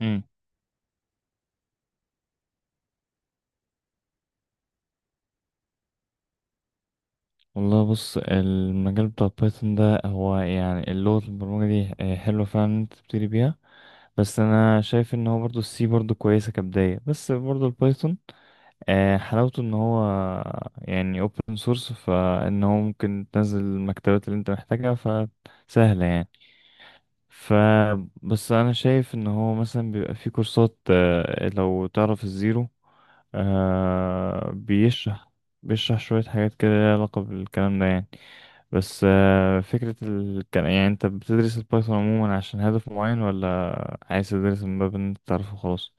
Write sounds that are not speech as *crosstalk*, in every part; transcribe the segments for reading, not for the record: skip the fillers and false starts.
مم. والله، بص، المجال بتاع بايثون ده هو يعني اللغة البرمجة دي حلوة فعلا إن انت تبتدي بيها. بس انا شايف ان هو برضو السي برضو كويسة كبداية، بس برضو البايثون حلاوته ان هو يعني open source، فان هو ممكن تنزل المكتبات اللي انت محتاجها، فسهلة يعني. ف بس انا شايف ان هو مثلا بيبقى فيه كورسات، لو تعرف الزيرو، بيشرح. شوية حاجات كده ليها علاقة بالكلام ده يعني. بس فكرة كان، يعني انت بتدرس البايثون عموما عشان هدف معين، ولا عايز تدرس من باب ان انت تعرفه خلاص؟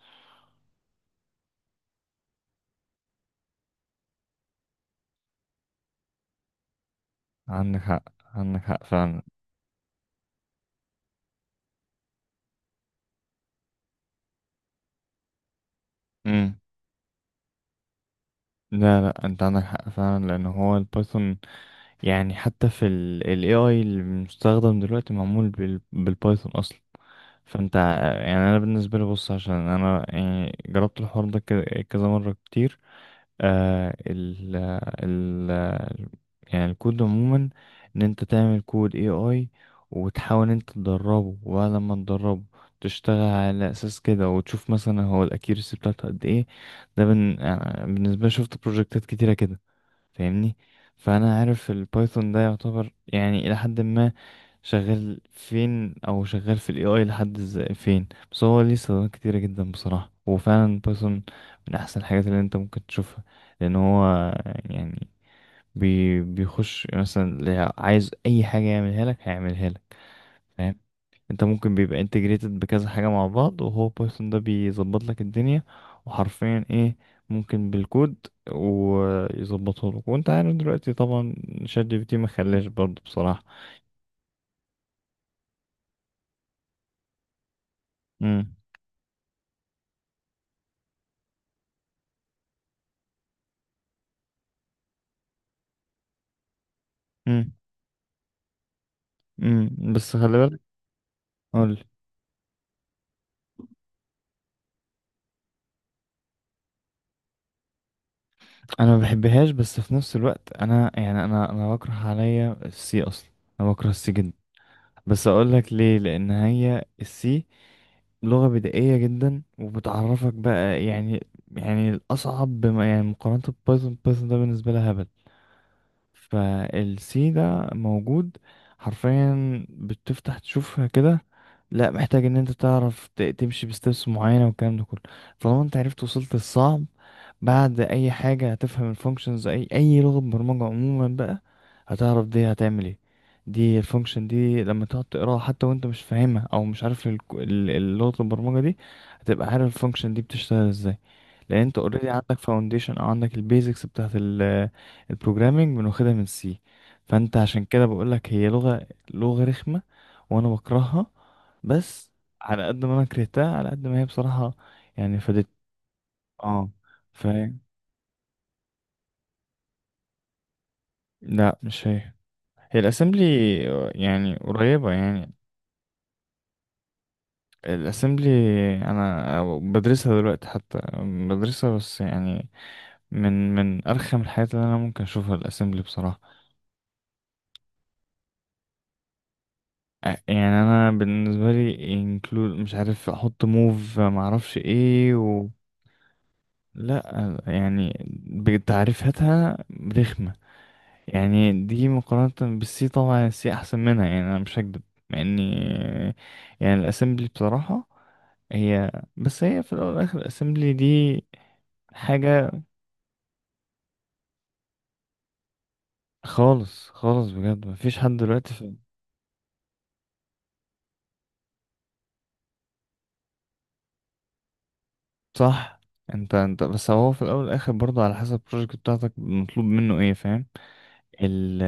عندك حق، عندك حق فعلا. امم لا لا، انت عندك حق فعلا، لان هو البايثون يعني حتى في ال AI المستخدم دلوقتي معمول بالبايثون اصلا. فانت يعني انا بالنسبة لي، بص، عشان انا يعني جربت الحوار ده كذا مرة كتير. آه ال ال يعني الكود عموما، ان انت تعمل كود اي اي، وتحاول إن انت تدربه، وبعد ما تدربه تشتغل على اساس كده، وتشوف مثلا هو الاكيرسي بتاعته قد ايه. بالنسبه لي شفت بروجكتات كتيره كده، فاهمني. فانا عارف البايثون ده يعتبر يعني الى حد ما شغال فين، او شغال في الاي اي لحد ازاي فين، بس هو ليه استخدامات كتيرة جدا بصراحة، وفعلا بايثون من احسن الحاجات اللي انت ممكن تشوفها. لان هو يعني بيخش مثلا، اللي عايز اي حاجة يعملها لك هيعملها لك. فاهم؟ انت ممكن بيبقى انتجريتد بكذا حاجة مع بعض، وهو بايثون ده بيظبط لك الدنيا، وحرفيا ايه، ممكن بالكود ويظبطه لك. وانت عارف دلوقتي طبعا شات جي بي تي ما خلاش برضه بصراحة. امم امم. بس خلي بالك. اقول. انا ما بحبهاش، بس في نفس الوقت انا يعني انا بكره عليا السي اصلا، انا بكره السي جدا. بس اقول لك ليه. لان هي السي لغة بدائية جدا، وبتعرفك بقى يعني الأصعب، بما يعني مقارنة ببايثون، بايثون ده بالنسبة لها هبل. فالسي ده موجود حرفيا، بتفتح تشوفها كده، لا محتاج ان انت تعرف تمشي بستبس معينة، والكلام ده كله. طالما انت عرفت وصلت الصعب، بعد اي حاجه هتفهم الفانكشنز، اي لغه برمجه عموما بقى. هتعرف دي هتعمل ايه. دي الفانكشن دي لما تقعد تقراها حتى وانت مش فاهمها، او مش عارف لغه البرمجه دي، هتبقى عارف الفانكشن دي بتشتغل ازاي، لان انت اوريدي عندك فاونديشن، او عندك البيزكس بتاعت البروجرامنج، بناخدها من سي. فانت عشان كده بقولك هي لغه، رخمه، وانا بكرهها. بس على قد ما انا كرهتها، على قد ما هي بصراحه يعني فادت، اه. لا مش هي. هي الاسمبلي، يعني قريبة يعني. الاسمبلي انا بدرسها دلوقتي، حتى بدرسها، بس يعني من ارخم الحاجات اللي انا ممكن اشوفها الاسمبلي بصراحة. يعني انا بالنسبة لي انكلود، مش عارف احط موف، ما اعرفش ايه و... لا يعني بتعريفاتها رخمة. يعني دي مقارنة بالسي، طبعا السي احسن منها، يعني انا مش هكدب. مع اني يعني الاسمبلي بصراحة هي، بس هي في الاول والاخر الاسمبلي دي حاجه. خالص خالص، بجد مفيش حد دلوقتي في. صح. انت بس هو في الاول والاخر برضه على حسب البروجكت بتاعتك مطلوب منه ايه. فاهم؟ ال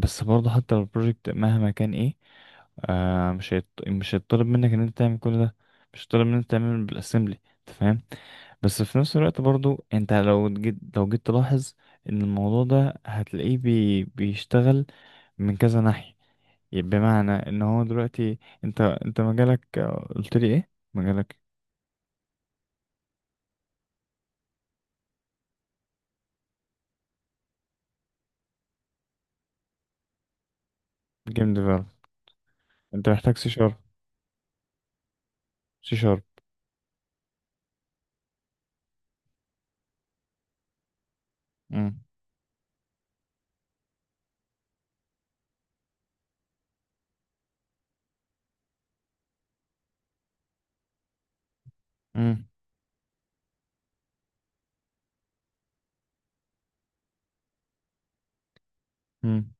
بس برضه حتى لو البروجكت مهما كان ايه، مش هيطلب منك ان انت تعمل كل ده، مش هيطلب منك تعمل بالاسمبلي. انت فاهم. بس في نفس الوقت برضو انت لو جيت، تلاحظ ان الموضوع ده هتلاقيه بيشتغل من كذا ناحية. بمعنى ان هو دلوقتي انت، مجالك، قلت لي ايه مجالك. جيم ديفلوب، انت محتاج سي شارب. سي شارب. امم امم امم.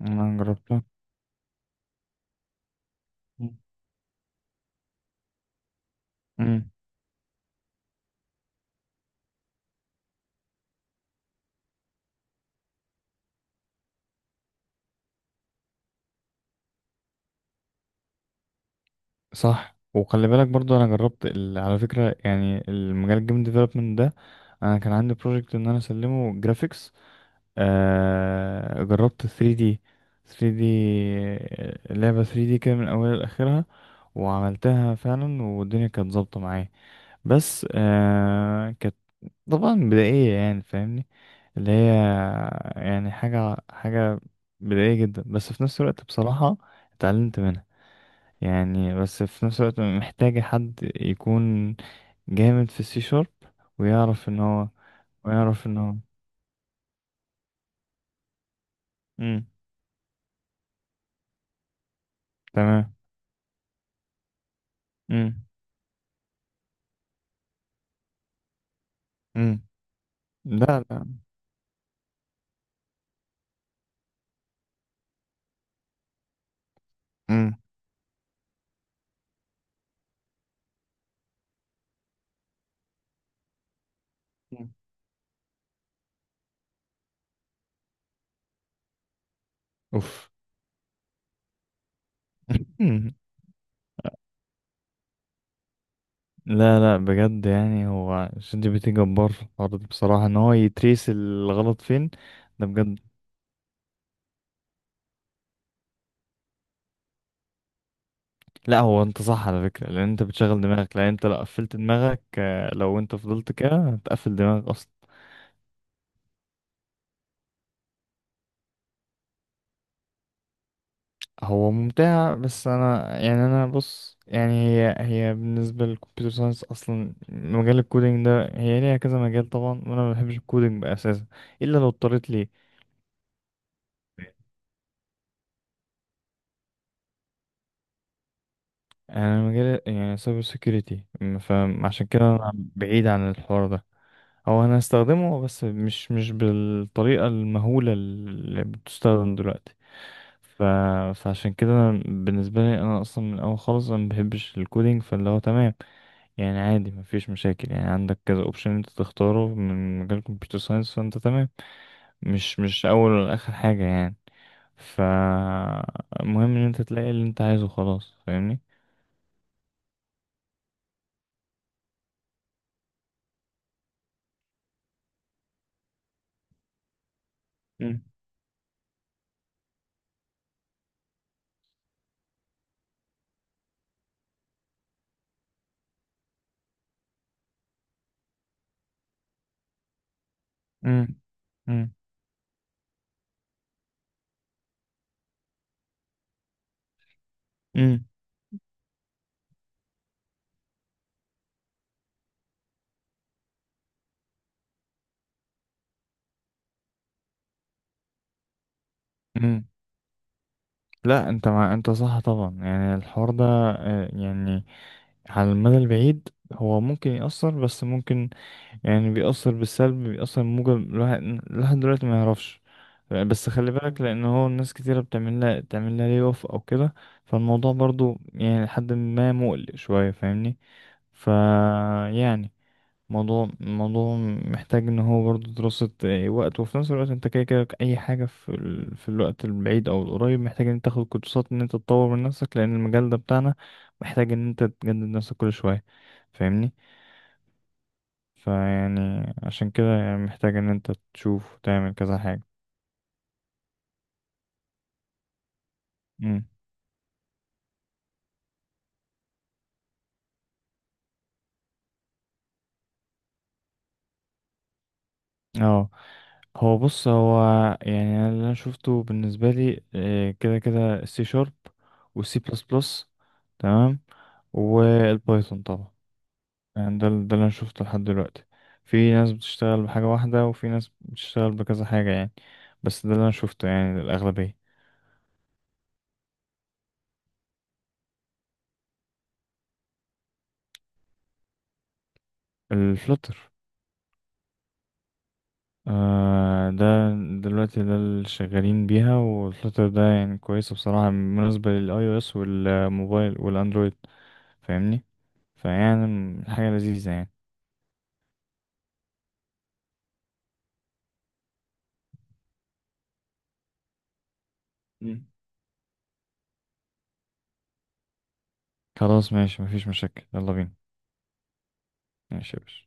انا جربتها. امم. صح، وخلي بالك برضو انا جربت على فكره يعني، المجال الجيم ديفلوبمنت ده، انا كان عندي بروجكت ان انا اسلمه جرافيكس. جربت 3D. 3D، لعبه 3D كده من اولها لاخرها، وعملتها فعلا، والدنيا كانت ظابطه معايا. بس كانت طبعا بدائية يعني، فاهمني. اللي هي يعني حاجة حاجة بدائية جدا، بس في نفس الوقت بصراحة اتعلمت منها. يعني بس في نفس الوقت محتاجة حد يكون جامد في السي شارب، ويعرف ان هو، ويعرف ان هو. امم، تمام. امم، امم. لا، لا. امم. اوف. *laughs* لا لا، بجد يعني هو شات جي بي تي جبار في الحوار ده بصراحة، ان هو يتريس الغلط فين. ده بجد. لا، هو انت صح على فكرة، لان انت بتشغل دماغك، لان انت لو قفلت دماغك، لو انت فضلت كده هتقفل دماغك اصلا. هو ممتع، بس انا يعني انا بص يعني هي بالنسبة للكمبيوتر ساينس اصلا مجال الكودينج ده، هي ليها كذا مجال طبعا. وانا ما بحبش الكودينج اساسا، الا لو اضطريت ليه. يعني انا مجال يعني سايبر سيكيورتي، فعشان كده انا بعيد عن الحوار ده. هو انا هستخدمه، بس مش بالطريقه المهوله اللي بتستخدم دلوقتي. ف... فعشان كده أنا بالنسبه لي، انا اصلا من الاول خالص انا ما بحبش الكودينج، فاللي هو تمام، يعني عادي ما فيش مشاكل. يعني عندك كذا اوبشن انت تختاره من مجال كمبيوتر ساينس، فانت تمام. مش اول ولا اخر حاجه يعني. فالمهم ان انت تلاقي اللي انت عايزه خلاص، فاهمني. مم. مم. مم. مم. مم. لا، انت انت صح طبعا، يعني الحوار ده يعني على المدى البعيد هو ممكن يأثر، بس ممكن يعني بيأثر بالسلب، بيأثر بموجب الواحد، لحد دلوقتي ما يعرفش. بس خلي بالك، لأن هو الناس كتيرة بتعمل لها، تعمل لها لي اوف أو كده. فالموضوع برضو يعني لحد ما مقلق شوية، فاهمني. ف يعني موضوع محتاج ان هو برضه دراسة، وقت. وفي نفس الوقت انت كده كده اي حاجة في الوقت البعيد او القريب، محتاج ان انت تاخد كورسات، ان انت تطور من نفسك، لان المجال ده بتاعنا محتاج ان انت تجدد نفسك كل شوية، فاهمني. فيعني عشان كده يعني محتاج ان انت تشوف وتعمل كذا حاجة. مم. اه، هو بص، هو يعني أنا اللي انا شفته بالنسبة لي، كده كده السي شارب، والسي بلس بلس، تمام، والبايثون طبعا. يعني ده ده اللي انا شفته لحد دلوقتي. في ناس بتشتغل بحاجة واحدة، وفي ناس بتشتغل بكذا حاجة يعني، بس ده اللي انا شفته يعني الأغلبية. الفلتر. ده دلوقتي ده اللي شغالين بيها، والفلتر ده يعني كويسة بصراحة بالنسبة للاي او اس والموبايل والاندرويد، فاهمني. فيعني حاجة لذيذة يعني. مم. خلاص ماشي، مفيش مشاكل، يلا بينا. ماشي يا باشا.